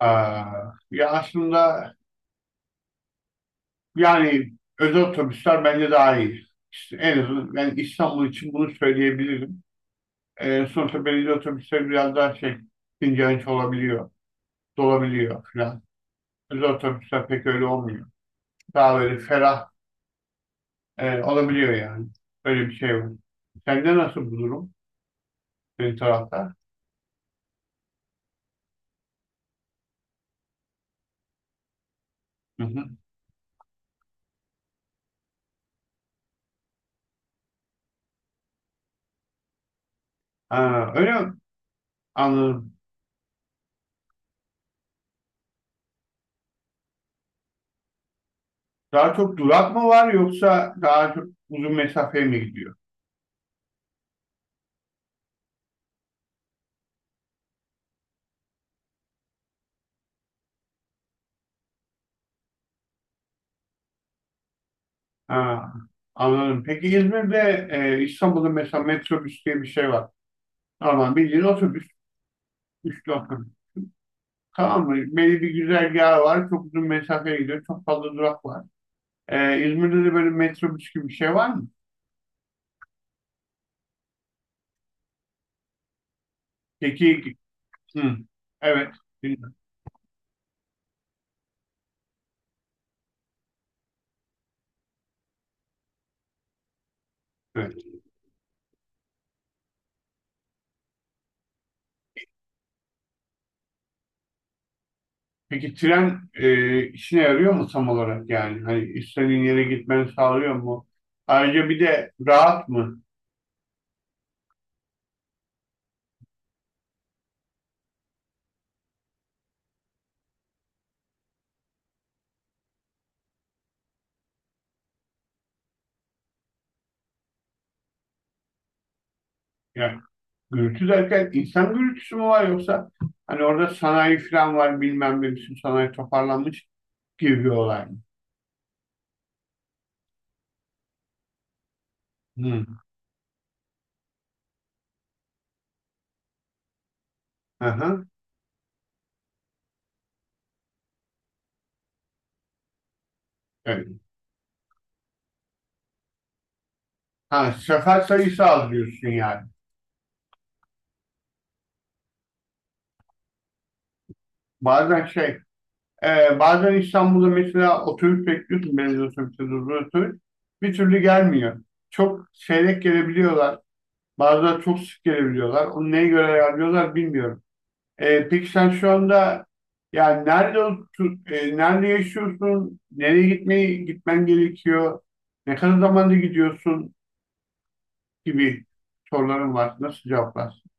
Aa, ya aslında yani özel otobüsler bence daha iyi. İşte en azından ben İstanbul için bunu söyleyebilirim. Sonuçta belediye otobüsleri biraz daha şey ince olabiliyor, dolabiliyor falan. Özel otobüsler pek öyle olmuyor. Daha böyle ferah olabiliyor yani. Öyle bir şey var. Sende nasıl bu durum? Senin tarafta? Hı hı. Ha, öyle mi? Anladım. Daha çok durak mı var yoksa daha çok uzun mesafeye mi gidiyor? Ha, anladım. Peki İzmir'de İstanbul'da mesela metrobüs diye bir şey var. Normal bildiğin otobüs. Üçlü otobüs. Tamam mı? Belli bir güzergahı var. Çok uzun mesafeye gidiyor. Çok fazla durak var. İzmir'de de böyle metrobüs gibi bir şey var mı? Peki, hı, evet. Bilmiyorum. Evet. Peki tren işine yarıyor mu tam olarak yani? Hani istediğin yere gitmeni sağlıyor mu? Ayrıca bir de rahat mı? Yani gürültü derken insan gürültüsü mü var yoksa hani orada sanayi falan var bilmem ne bütün sanayi toparlanmış gibi bir olay mı? Hı. Aha, evet. Ha, sefer sayısı az diyorsun yani. Bazen şey bazen İstanbul'da mesela otobüs bekliyorsun belediye otobüsü durduğu otobüs bir türlü gelmiyor. Çok seyrek gelebiliyorlar. Bazıları çok sık gelebiliyorlar. Onu neye göre ayarlıyorlar bilmiyorum. Peki sen şu anda yani nerede yaşıyorsun? Nereye gitmen gerekiyor? Ne kadar zamanda gidiyorsun gibi sorularım var. Nasıl cevaplarsın?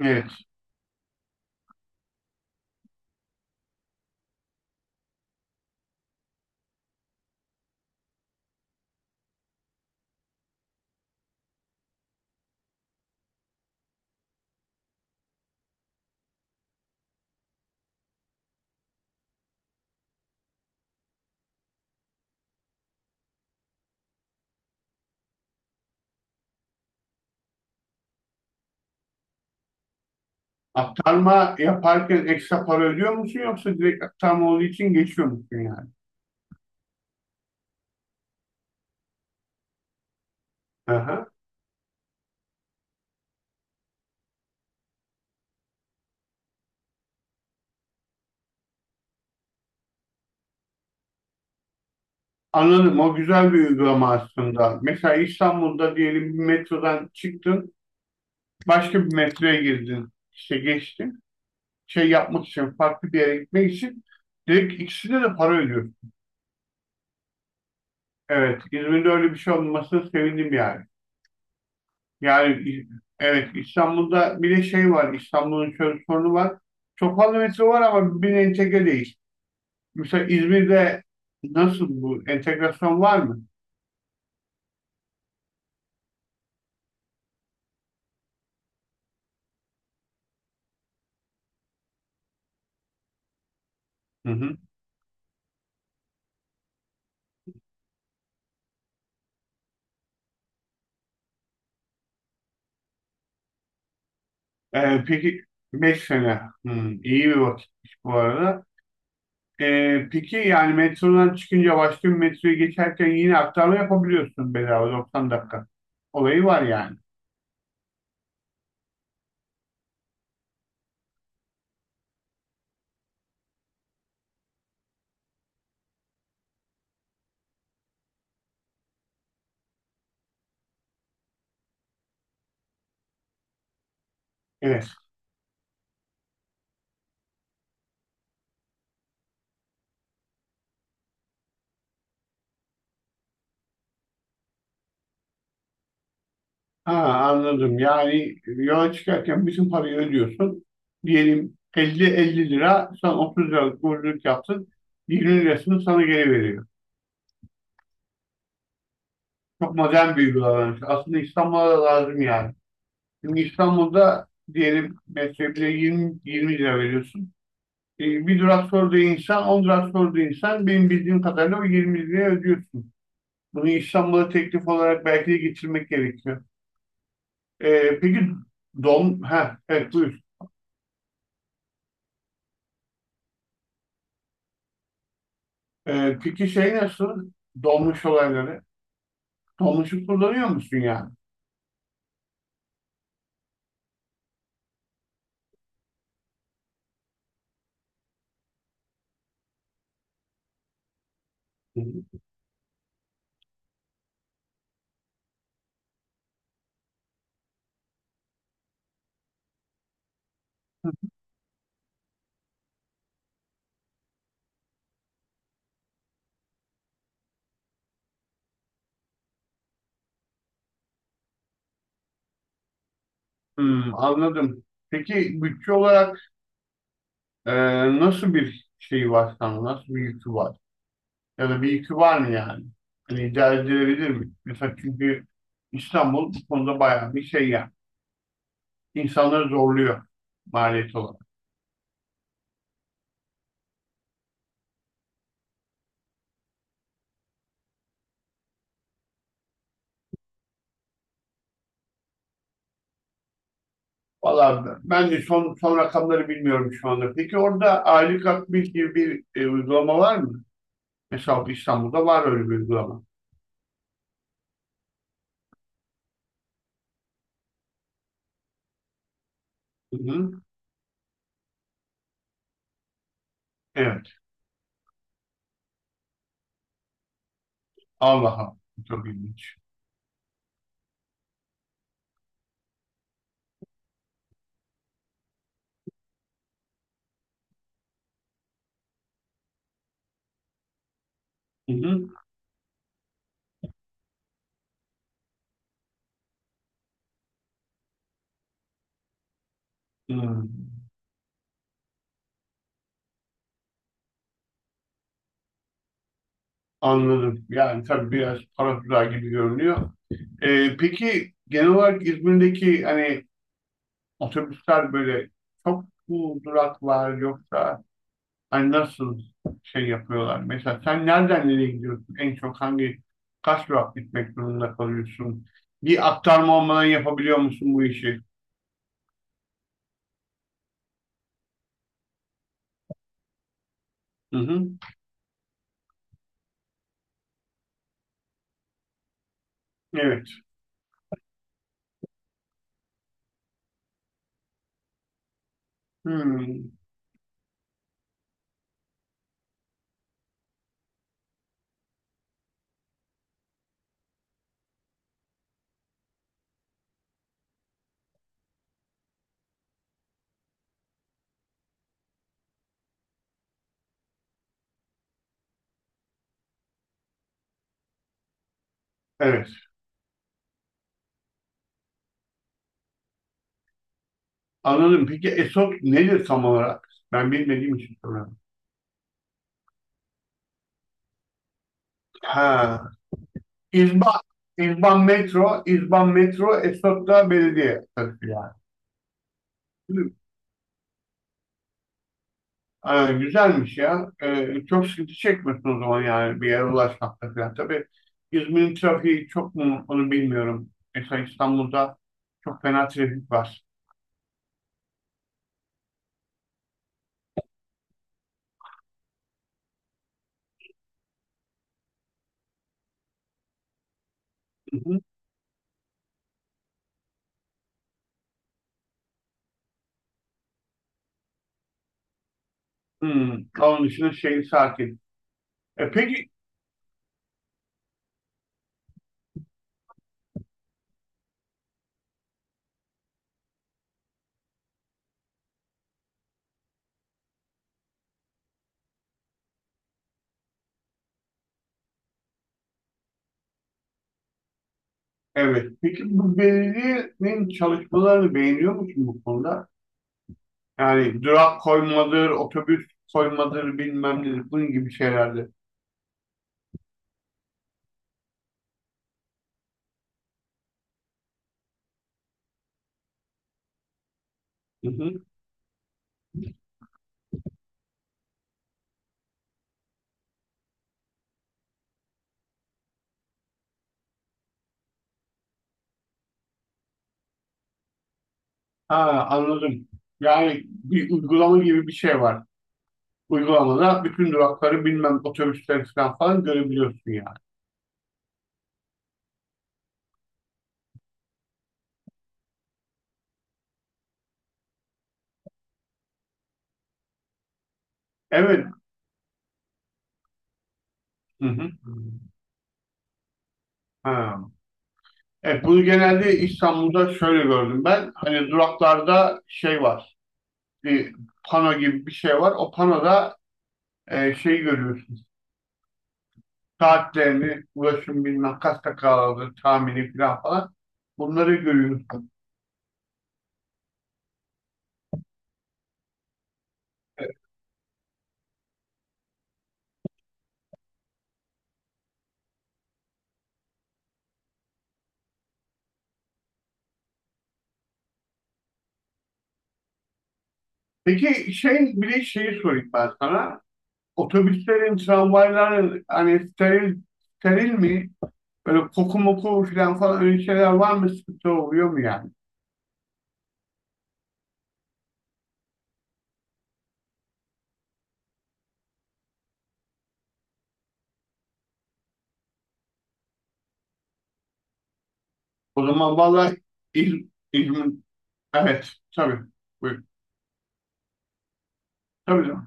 Evet. Aktarma yaparken ekstra para ödüyor musun yoksa direkt aktarma olduğu için geçiyor musun yani? Aha. Anladım. O güzel bir uygulama aslında. Mesela İstanbul'da diyelim bir metrodan çıktın, başka bir metroya girdin. İşte geçtin. Şey yapmak için, farklı bir yere gitmek için direkt ikisine de para ödüyor. Evet, İzmir'de öyle bir şey olmasına sevindim yani. Yani İ- evet İstanbul'da bir de şey var, İstanbul'un şöyle sorunu var. Çok fazla metro var ama birbirine entegre değil. Mesela İzmir'de nasıl, bu entegrasyon var mı? Hı hı. Peki 5 sene. Hı, iyi bir vakit bu arada. Peki yani metrodan çıkınca başka bir metroya geçerken yine aktarma yapabiliyorsun bedava 90 dakika. Olayı var yani. Evet. Ha, anladım. Yani yola çıkarken bütün parayı ödüyorsun. Diyelim 50-50 lira sen 30 liralık borculuk yaptın. 20 lirasını sana geri veriyor. Çok modern bir uygulamaymış. Aslında İstanbul'a da lazım yani. Şimdi İstanbul'da diyelim metroya bile 20 lira veriyorsun. E, bir durak sorduğu insan, on durak sorduğu insan benim bildiğim kadarıyla o 20 liraya ödüyorsun. Bunu İstanbul'a teklif olarak belki de getirmek gerekiyor. E, peki ha evet, buyur. Peki şey nasıl? Dolmuş olayları. Dolmuşu kullanıyor musun yani? Hmm, anladım. Peki bütçe olarak e, nasıl bir şey var sana? Nasıl bir yükü var? Ya da bir yükü var mı yani? Hani idare edilebilir mi? Mesela çünkü İstanbul bu konuda bayağı bir şey yani, insanları zorluyor maliyet olarak. Valla ben de son rakamları bilmiyorum şu anda. Peki orada aylık akbil gibi bir uygulama var mı? Mesela İstanbul'da var öyle bir uygulama. Hı hı. Evet. Allah'a, çok ilginç. Hı hı. Hı. Anladım. Yani tabii biraz para tuzağı gibi görünüyor. Peki genel olarak İzmir'deki hani otobüsler böyle çok mu durak var yoksa, hani nasıl şey yapıyorlar? Mesela sen nereden nereye gidiyorsun? En çok hangi, kaç durak gitmek durumunda kalıyorsun? Bir aktarma olmadan yapabiliyor musun bu işi? Hı hı. Evet. Hmm. Evet. Anladım. Peki ESOT nedir tam olarak? Ben bilmediğim için soruyorum. Ha. İzban. İzban Metro. İzban Metro. ESOT da belediye. Yani. Güzelmiş ya. Çok sıkıntı çekmiyorsun o zaman yani bir yere ulaşmakta falan. Tabii İzmir'in trafiği çok mu onu bilmiyorum. Mesela İstanbul'da çok fena trafik var. Hı hı. Hmm, onun dışında şehir sakin. E peki, evet. Peki bu belediyenin çalışmalarını beğeniyor musun bu konuda? Yani durak koymadır, otobüs koymadır, bilmem nedir, bunun gibi şeylerde. Hı hı. Ha, anladım. Yani bir uygulama gibi bir şey var. Uygulamada bütün durakları bilmem otobüsler falan falan görebiliyorsun yani. Evet. Hı hı. Ha. Evet, bunu genelde İstanbul'da şöyle gördüm ben. Hani duraklarda şey var. Bir pano gibi bir şey var. O panoda şey görüyorsun. Saatlerini, ulaşım bilmem kaç dakikalardır tahmini falan falan. Bunları görüyorsun. Peki şey, bir de şeyi sorayım ben sana. Otobüslerin, tramvayların hani steril mi? Böyle koku moku falan falan öyle şeyler var mı? Sıkıntı oluyor mu yani? O zaman vallahi, İz İzmir, evet tabii. Buyur. Tabii canım.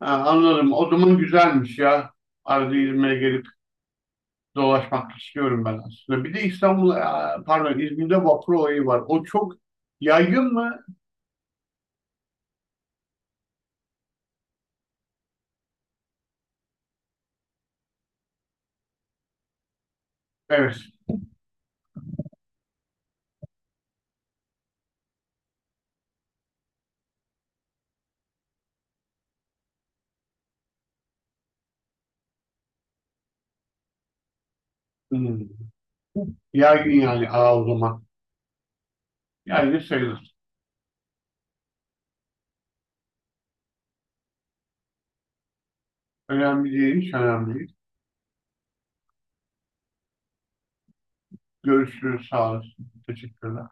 Ha, anladım. O zaman güzelmiş ya. Arada İzmir'e gelip dolaşmak istiyorum ben aslında. Bir de İstanbul, aa, pardon, İzmir'de vapur olayı var. O çok yaygın mı? Evet. Hmm. Yaygın yani, aa, o zaman. Yaygın sayılır. Önemli değil, hiç önemli değil. Görüşürüz, sağ olasın. Teşekkürler.